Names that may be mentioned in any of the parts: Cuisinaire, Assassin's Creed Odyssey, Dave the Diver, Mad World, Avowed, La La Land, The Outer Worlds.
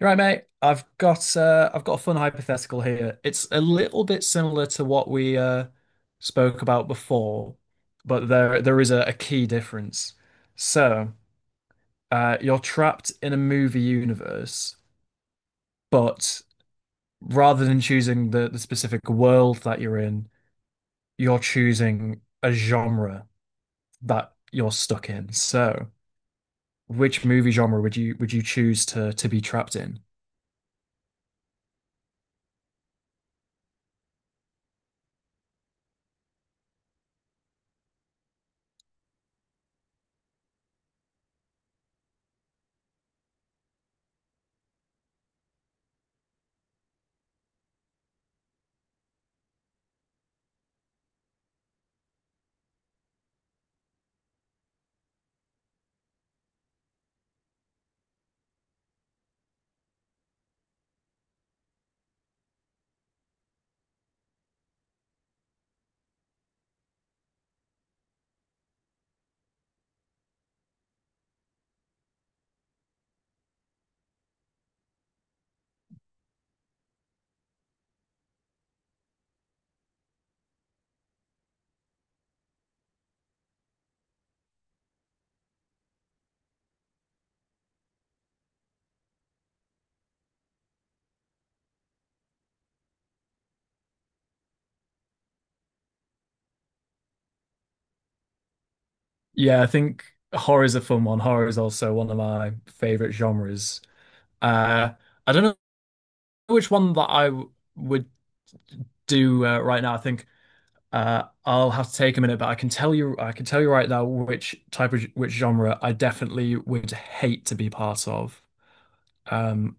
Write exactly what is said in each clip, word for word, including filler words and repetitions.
You're right, mate. I've got uh, I've got a fun hypothetical here. It's a little bit similar to what we uh, spoke about before, but there there is a, a key difference. So uh, you're trapped in a movie universe, but rather than choosing the, the specific world that you're in, you're choosing a genre that you're stuck in. So which movie genre would you would you choose to to be trapped in? Yeah, I think horror's a fun one. Horror is also one of my favorite genres. Uh, I don't know which one that I w- would do uh, right now. I think uh, I'll have to take a minute, but I can tell you, I can tell you right now which type of which genre I definitely would hate to be part of, um,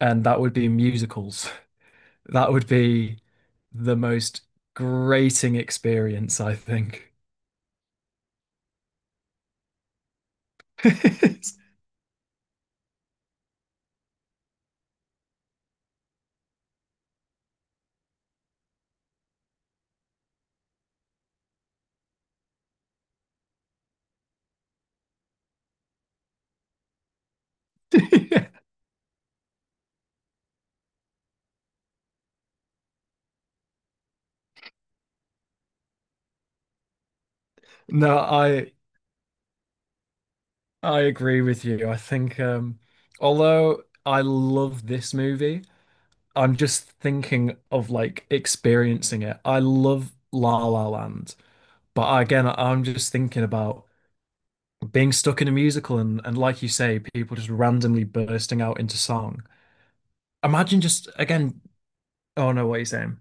and that would be musicals. That would be the most grating experience, I think. No, I I agree with you. I think um although I love this movie, I'm just thinking of like experiencing it. I love La La Land, but again, I'm just thinking about being stuck in a musical and and like you say, people just randomly bursting out into song. Imagine just again, oh no, what are you saying?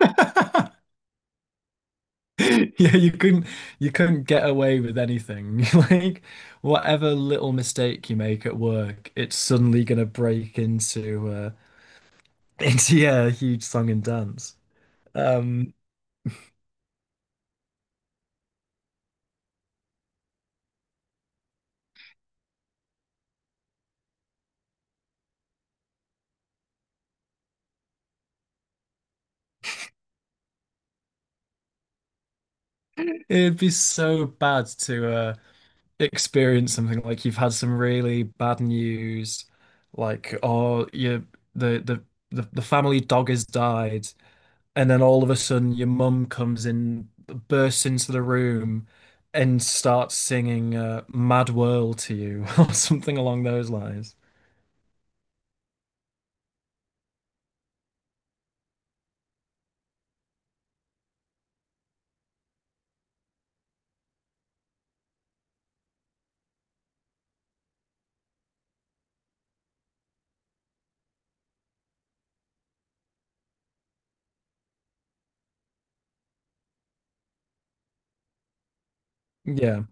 Yeah, you couldn't you couldn't get away with anything. Like whatever little mistake you make at work, it's suddenly gonna break into uh into yeah, a huge song and dance. Um it'd be so bad to uh experience something like you've had some really bad news, like or you the the the, the family dog has died. And then all of a sudden, your mum comes in, bursts into the room, and starts singing uh, "Mad World" to you, or something along those lines. Yeah,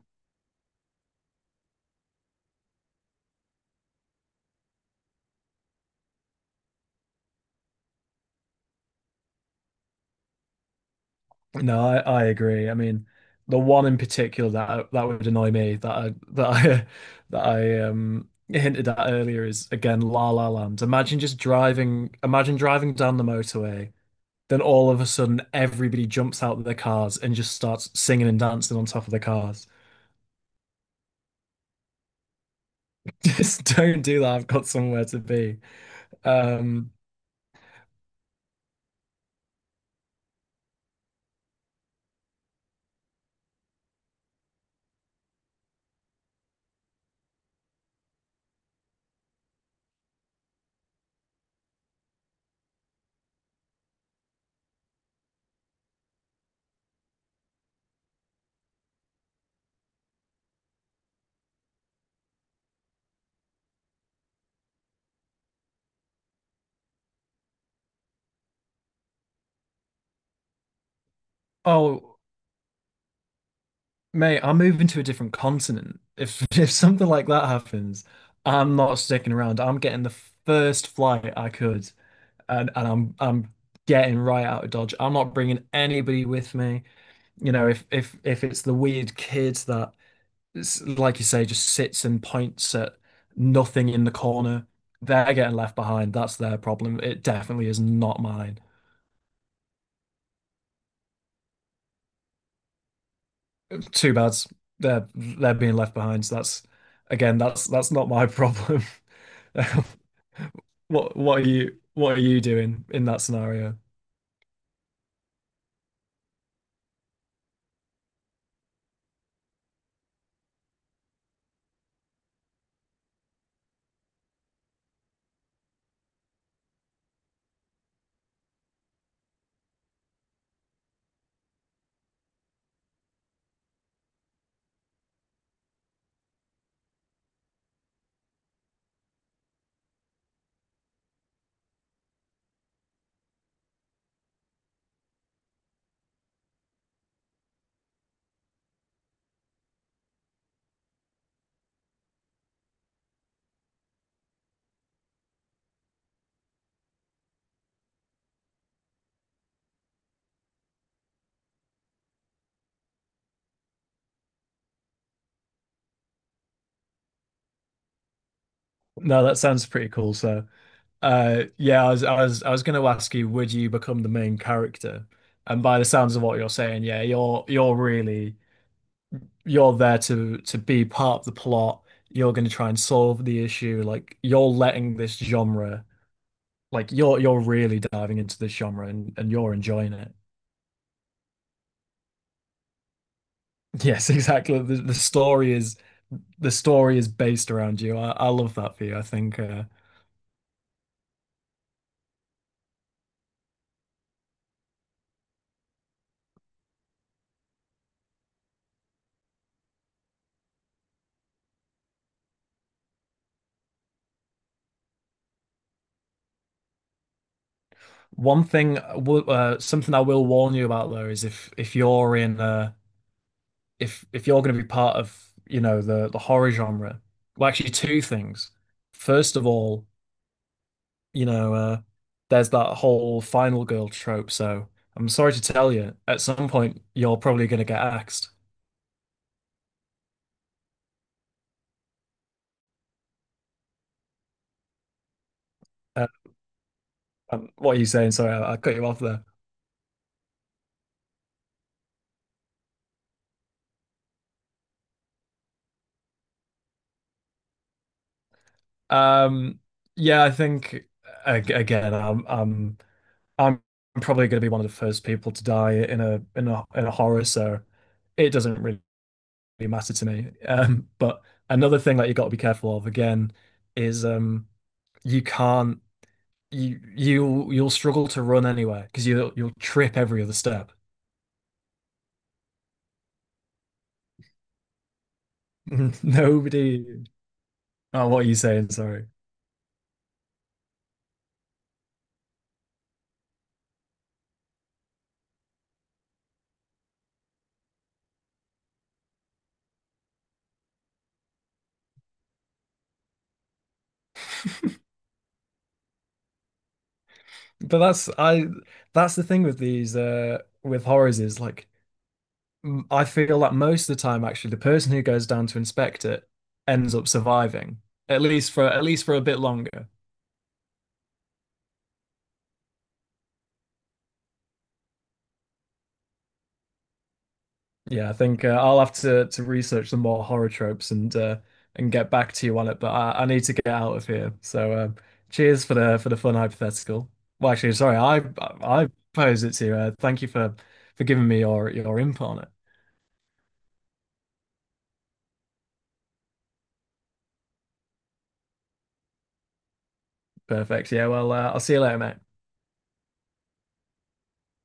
no, I, I agree. I mean, the one in particular that that would annoy me that I that I that I um hinted at earlier is again La La Land. Imagine just driving, imagine driving down the motorway, then all of a sudden everybody jumps out of their cars and just starts singing and dancing on top of the cars. Just don't do that. I've got somewhere to be. Um, oh, mate, I'm moving to a different continent. If if something like that happens, I'm not sticking around. I'm getting the first flight I could, and and I'm I'm getting right out of Dodge. I'm not bringing anybody with me. You know, if if if it's the weird kid that, s- like you say, just sits and points at nothing in the corner, they're getting left behind. That's their problem. It definitely is not mine. Too bad they're they're being left behind. So that's again, that's that's not my problem. Um, what what are you what are you doing in that scenario? No, that sounds pretty cool. So, uh, yeah, I was I was I was going to ask you, would you become the main character? And by the sounds of what you're saying, yeah, you're you're really you're there to to be part of the plot. You're going to try and solve the issue. Like you're letting this genre, like you're you're really diving into this genre and and you're enjoying it. Yes, exactly. The, the story is the story is based around you. I, I love that for you. I think uh, one thing, I will- uh, something I will warn you about though is if if you're in uh, if if you're going to be part of, you know, the the horror genre. Well, actually, two things. First of all, you know, uh, there's that whole final girl trope. So I'm sorry to tell you, at some point you're probably going to get axed. Uh, um, what are you saying? Sorry, I, I cut you off. Um, yeah, I think ag- again, I'm I'm I'm probably going to be one of the first people to die in a in a in a horror, so it doesn't really matter to me. Um, but another thing that you got to be careful of again is um, you can't you you you'll struggle to run anywhere because you'll you'll trip every other step. Nobody. Oh, what are you saying? Sorry. But that's I that's the thing with these uh with horrors is like, m- I feel that most of the time, actually, the person who goes down to inspect it ends up surviving, at least for at least for a bit longer. Yeah, I think uh, I'll have to to research some more horror tropes and uh, and get back to you on it. But I, I need to get out of here. So um, cheers for the for the fun hypothetical. Well, actually, sorry, I I posed it to you. Uh, thank you for for giving me your your input on it. Perfect. Yeah. Well, uh, I'll see you later, mate.